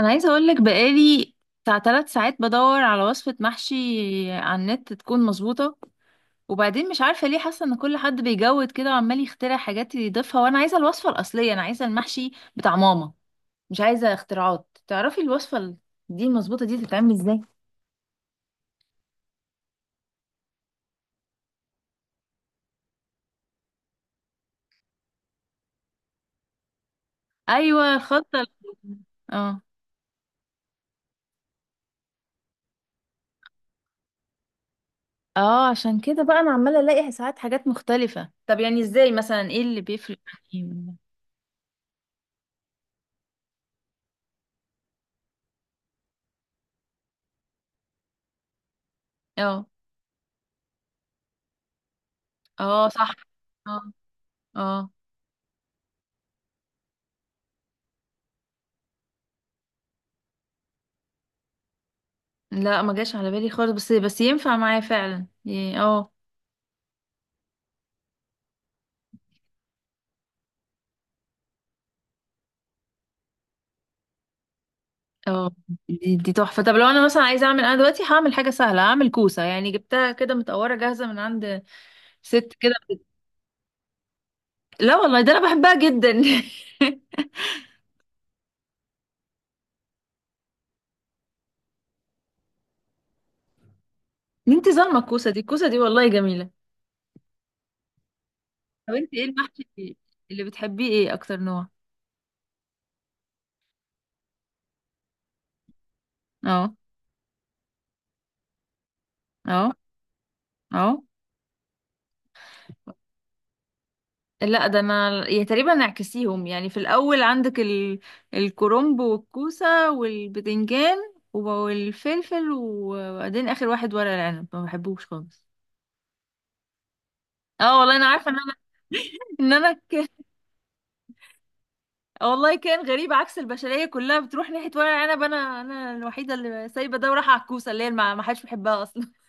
انا عايزه اقول لك بقالي بتاع 3 ساعات بدور على وصفه محشي على النت تكون مظبوطه. وبعدين مش عارفه ليه حاسه ان كل حد بيجود كده وعمال يخترع حاجات يضيفها، وانا عايزه الوصفه الاصليه، انا عايزه المحشي بتاع ماما، مش عايزه اختراعات. تعرفي الوصفه دي المظبوطه دي تتعمل ازاي؟ ايوه الخطه اه اه عشان كده بقى انا عماله الاقي ساعات حاجات مختلفه، طب يعني ازاي مثلا، ايه اللي بيفرق يعني؟ اه. اه صح. اه. اه لا، ما جاش على بالي خالص، بس ينفع معايا فعلا اه، دي تحفة. طب لو انا مثلا عايزة اعمل، انا دلوقتي هعمل حاجة سهلة، هعمل كوسة، يعني جبتها كده متقورة جاهزة من عند ست كده. لا والله، ده انا بحبها جدا. انت ظالمة الكوسة دي، الكوسة دي والله جميلة. طب انت ايه المحشي اللي بتحبيه؟ ايه اكتر نوع؟ اه. اه. اه لا، ده انا يا تقريبا نعكسيهم يعني، في الاول عندك الكرنب والكوسه والبتنجان والفلفل، وبعدين اخر واحد ورق العنب ما بحبوش خالص. اه والله انا عارفه ان انا. ان انا والله كان غريب، عكس البشريه كلها بتروح ناحيه ورق العنب، انا الوحيده اللي سايبه ده ورايحه على الكوسه اللي هي ما حدش بيحبها اصلا.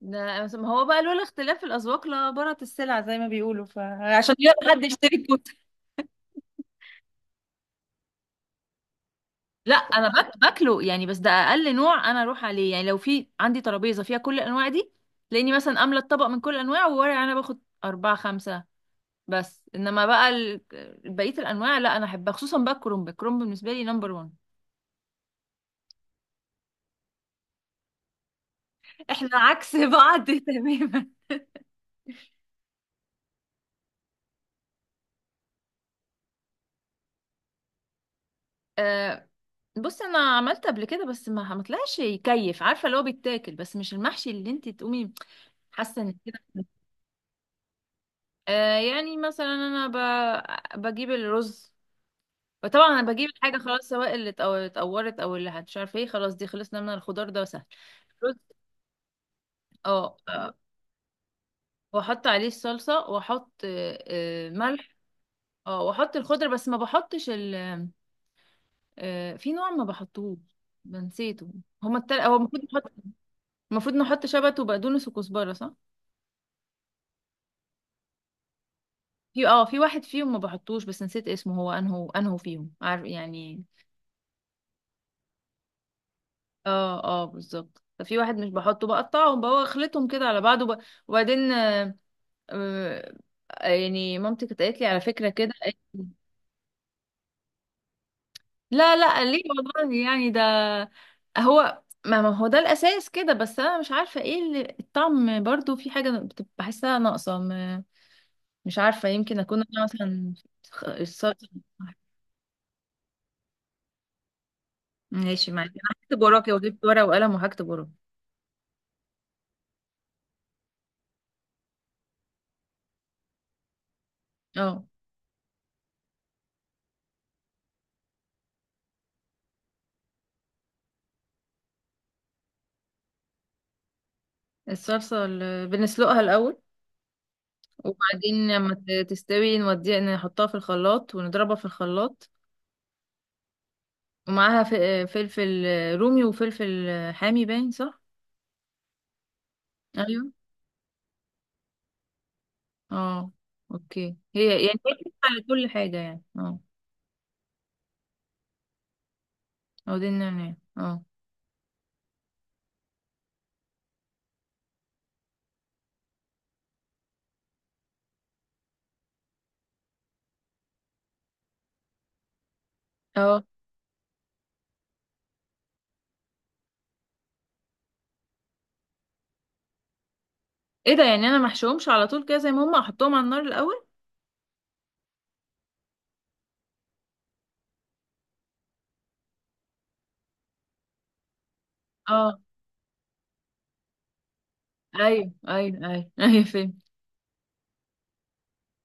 ده ما هو بقى لولا اختلاف الاذواق لبارت السلع زي ما بيقولوا، فعشان يلا حد يشتري الكوسه. لا انا باكله يعني، بس ده اقل نوع انا اروح عليه، يعني لو في عندي ترابيزه فيها كل الانواع دي تلاقيني مثلا املى الطبق من كل الانواع، وورق انا باخد 4 5 بس. انما بقى بقيه الانواع لا انا احبها، خصوصا بقى الكرنب، الكرنب بالنسبه لي نمبر 1. احنا عكس بعض تماما. أه. بص انا عملت قبل كده بس ما طلعش يكيف، عارفه اللي هو بيتاكل بس مش المحشي اللي انت تقومي حاسه ان كده. أه يعني مثلا انا بجيب الرز، فطبعا انا بجيب الحاجه خلاص، سواء اللي اتقورت او اللي مش عارفه ايه، خلاص دي خلصنا من الخضار ده سهل. رز. اه واحط عليه الصلصه، واحط ملح. اه واحط الخضر، بس ما بحطش ال في نوع ما بحطوش. بنسيته. هو المفروض نحط. المفروض نحط شبت وبقدونس وكزبره صح؟ في اه، في واحد فيهم ما بحطوش بس نسيت اسمه، هو انهو انهو فيهم عارف يعني. اه اه بالظبط. ففي واحد مش بحطه، بقطعهم بقى واخلطهم كده على بعض وبعدين آه، يعني مامتي كانت قالت لي على فكرة كده، قالت لي، لا لا ليه والله يعني ده. هو ما هو ده الأساس كده، بس أنا مش عارفة ايه اللي الطعم، برضو في حاجة بتبقى بحسها ناقصة مش عارفة، يمكن أكون أنا مثلا الصلصة. ماشي معاكي، أنا هكتب وراكي، وجبت ورقة وقلم وهكتب وراكي. اه. الصلصة اللي بنسلقها الأول، وبعدين لما تستوي نوديها، نحطها في الخلاط ونضربها في الخلاط. ومعاها فلفل رومي وفلفل حامي، باين صح؟ ايوه. اه. اوكي، هي يعني هي بتنفع لكل حاجه يعني، اه. او دي النعناع اه. اه. ايه ده؟ يعني انا محشوهمش على طول كده زي ما هم، احطهم على النار الاول؟ اه ايوه ايوه ايوه. ايوه فهمت.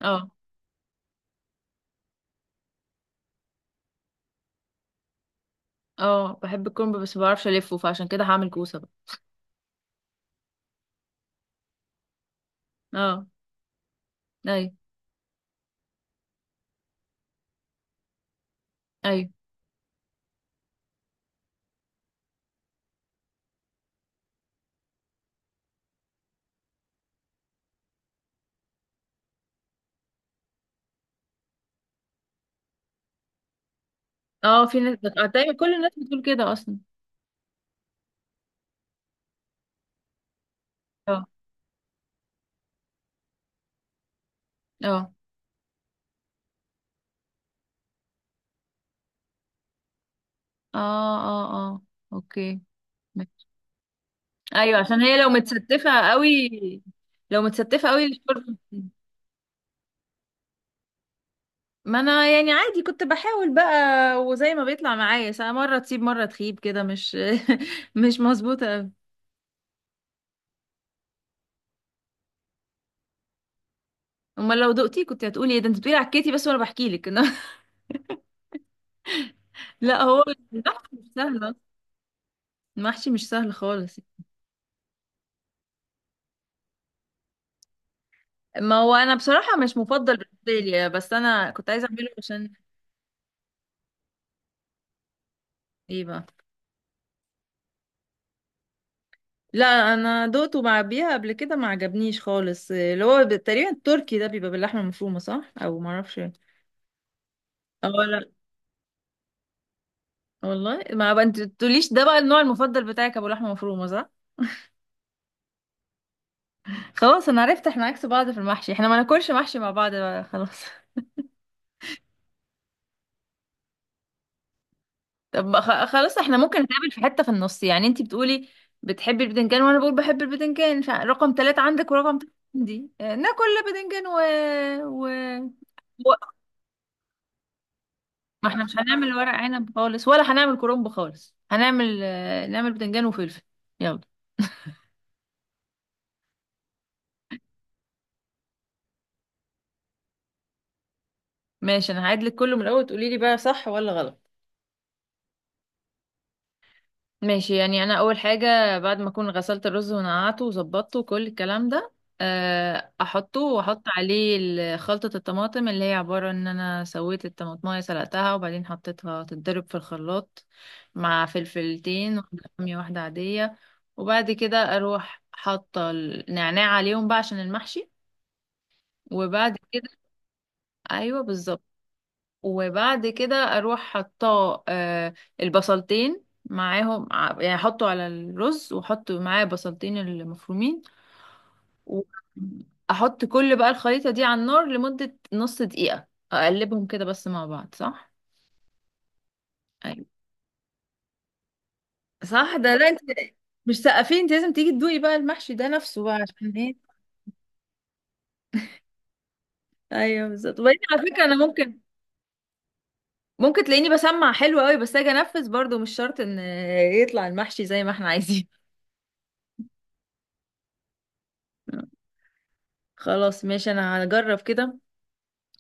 اه. اه بحب الكرنب بس ما بعرفش الفه، فعشان كده هعمل كوسه بقى. اه. ايوه. ايوه. اه في ناس دايما كل الناس بتقول كده اصلا. اه اه اه. اه. اه اوكي. ماشي. ايوه عشان هي لو متستفه قوي، لو متستفه قوي الشوربه. ما انا يعني عادي كنت بحاول بقى، وزي ما بيطلع معايا ساعة، مرة تسيب مرة تخيب كده، مش مش مظبوطة أوي. امال لو دقتي كنت هتقولي ايه؟ ده انت بتقولي عكيتي بس وانا بحكي لك. لا هو المحشي مش سهل أصلاً. المحشي مش سهل خالص. ما هو انا بصراحة مش مفضل بالنسبة لي، بس انا كنت عايزة اعمله عشان ايه بقى. لا انا دقته مع بيها قبل كده ما عجبنيش خالص، اللي هو تقريبا التركي ده بيبقى باللحمة المفرومة صح؟ او معرفش اه. لا والله، ما بقى انت تقوليش ده بقى النوع المفضل بتاعك ابو لحمه مفرومه صح. خلاص انا عرفت، احنا عكس بعض في المحشي، احنا ما ناكلش محشي مع بعض بقى خلاص. طب بقى خلاص احنا ممكن نتقابل في حته في النص، يعني انت بتقولي بتحبي البتنجان وانا بقول بحب البتنجان، رقم 3 عندك ورقم ثلاثة عندي، ناكل بتنجان و... و... ما احنا مش هنعمل ورق عنب خالص ولا هنعمل كرنب خالص، هنعمل نعمل بتنجان وفلفل. يلا. ماشي انا هعيد لك كله من الاول، تقولي لي بقى صح ولا غلط. ماشي يعني انا اول حاجه بعد ما اكون غسلت الرز ونقعته وظبطته وكل الكلام ده احطه واحط عليه خلطه الطماطم اللي هي عباره ان انا سويت الطماطمايه سلقتها وبعدين حطيتها تتضرب في الخلاط مع فلفلتين، واحده حاميه واحده عاديه. وبعد كده اروح حاطه النعناع عليهم بقى عشان المحشي. وبعد كده ايوه بالظبط. وبعد كده اروح حطاه البصلتين معاهم يعني احطه على الرز واحط معاه بصلتين المفرومين، واحط كل بقى الخليطة دي على النار لمدة نص دقيقة، اقلبهم كده بس مع بعض صح. ايوه صح، ده لا انت مش سقفين، انت لازم تيجي تدوقي بقى المحشي ده نفسه بقى عشان ايه. ايوه بالظبط. وبعدين على فكرة انا ممكن، ممكن تلاقيني بسمع حلو قوي بس اجي انفذ برضو، مش شرط ان يطلع المحشي زي ما احنا عايزين. خلاص ماشي، انا هجرب كده.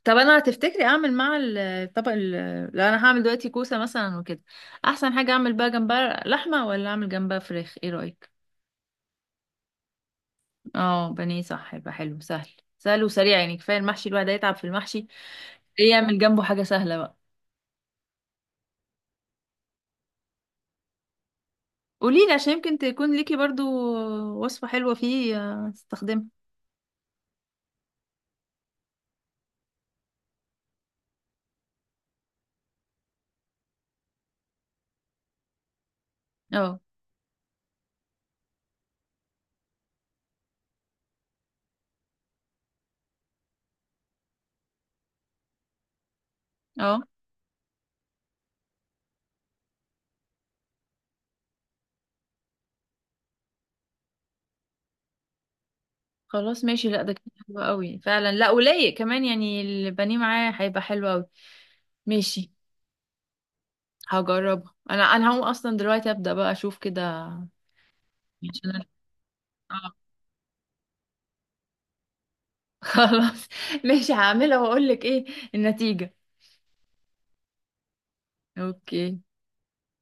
طب انا هتفتكري اعمل مع الطبق لو انا هعمل دلوقتي كوسه مثلا وكده، احسن حاجه اعمل بقى جنبها لحمه ولا اعمل جنبها فراخ، ايه رايك؟ اه بانيه صح، يبقى حلو سهل، سهل وسريع. يعني كفايه المحشي، الواحد هيتعب في المحشي، ايه يعمل جنبه حاجه سهله بقى. قولي لي عشان يمكن تكون ليكي برضو وصفه حلوه فيه استخدمها. اه. اه. خلاص ماشي، لا ده كده حلو قوي فعلا، لا ولايق كمان يعني، البانيه معاه هيبقى حلو قوي. ماشي هجربها، انا انا هقوم اصلا دلوقتي ابدا بقى اشوف كده عشان اه. خلاص. ماشي هعملها واقول لك ايه النتيجة. اوكي.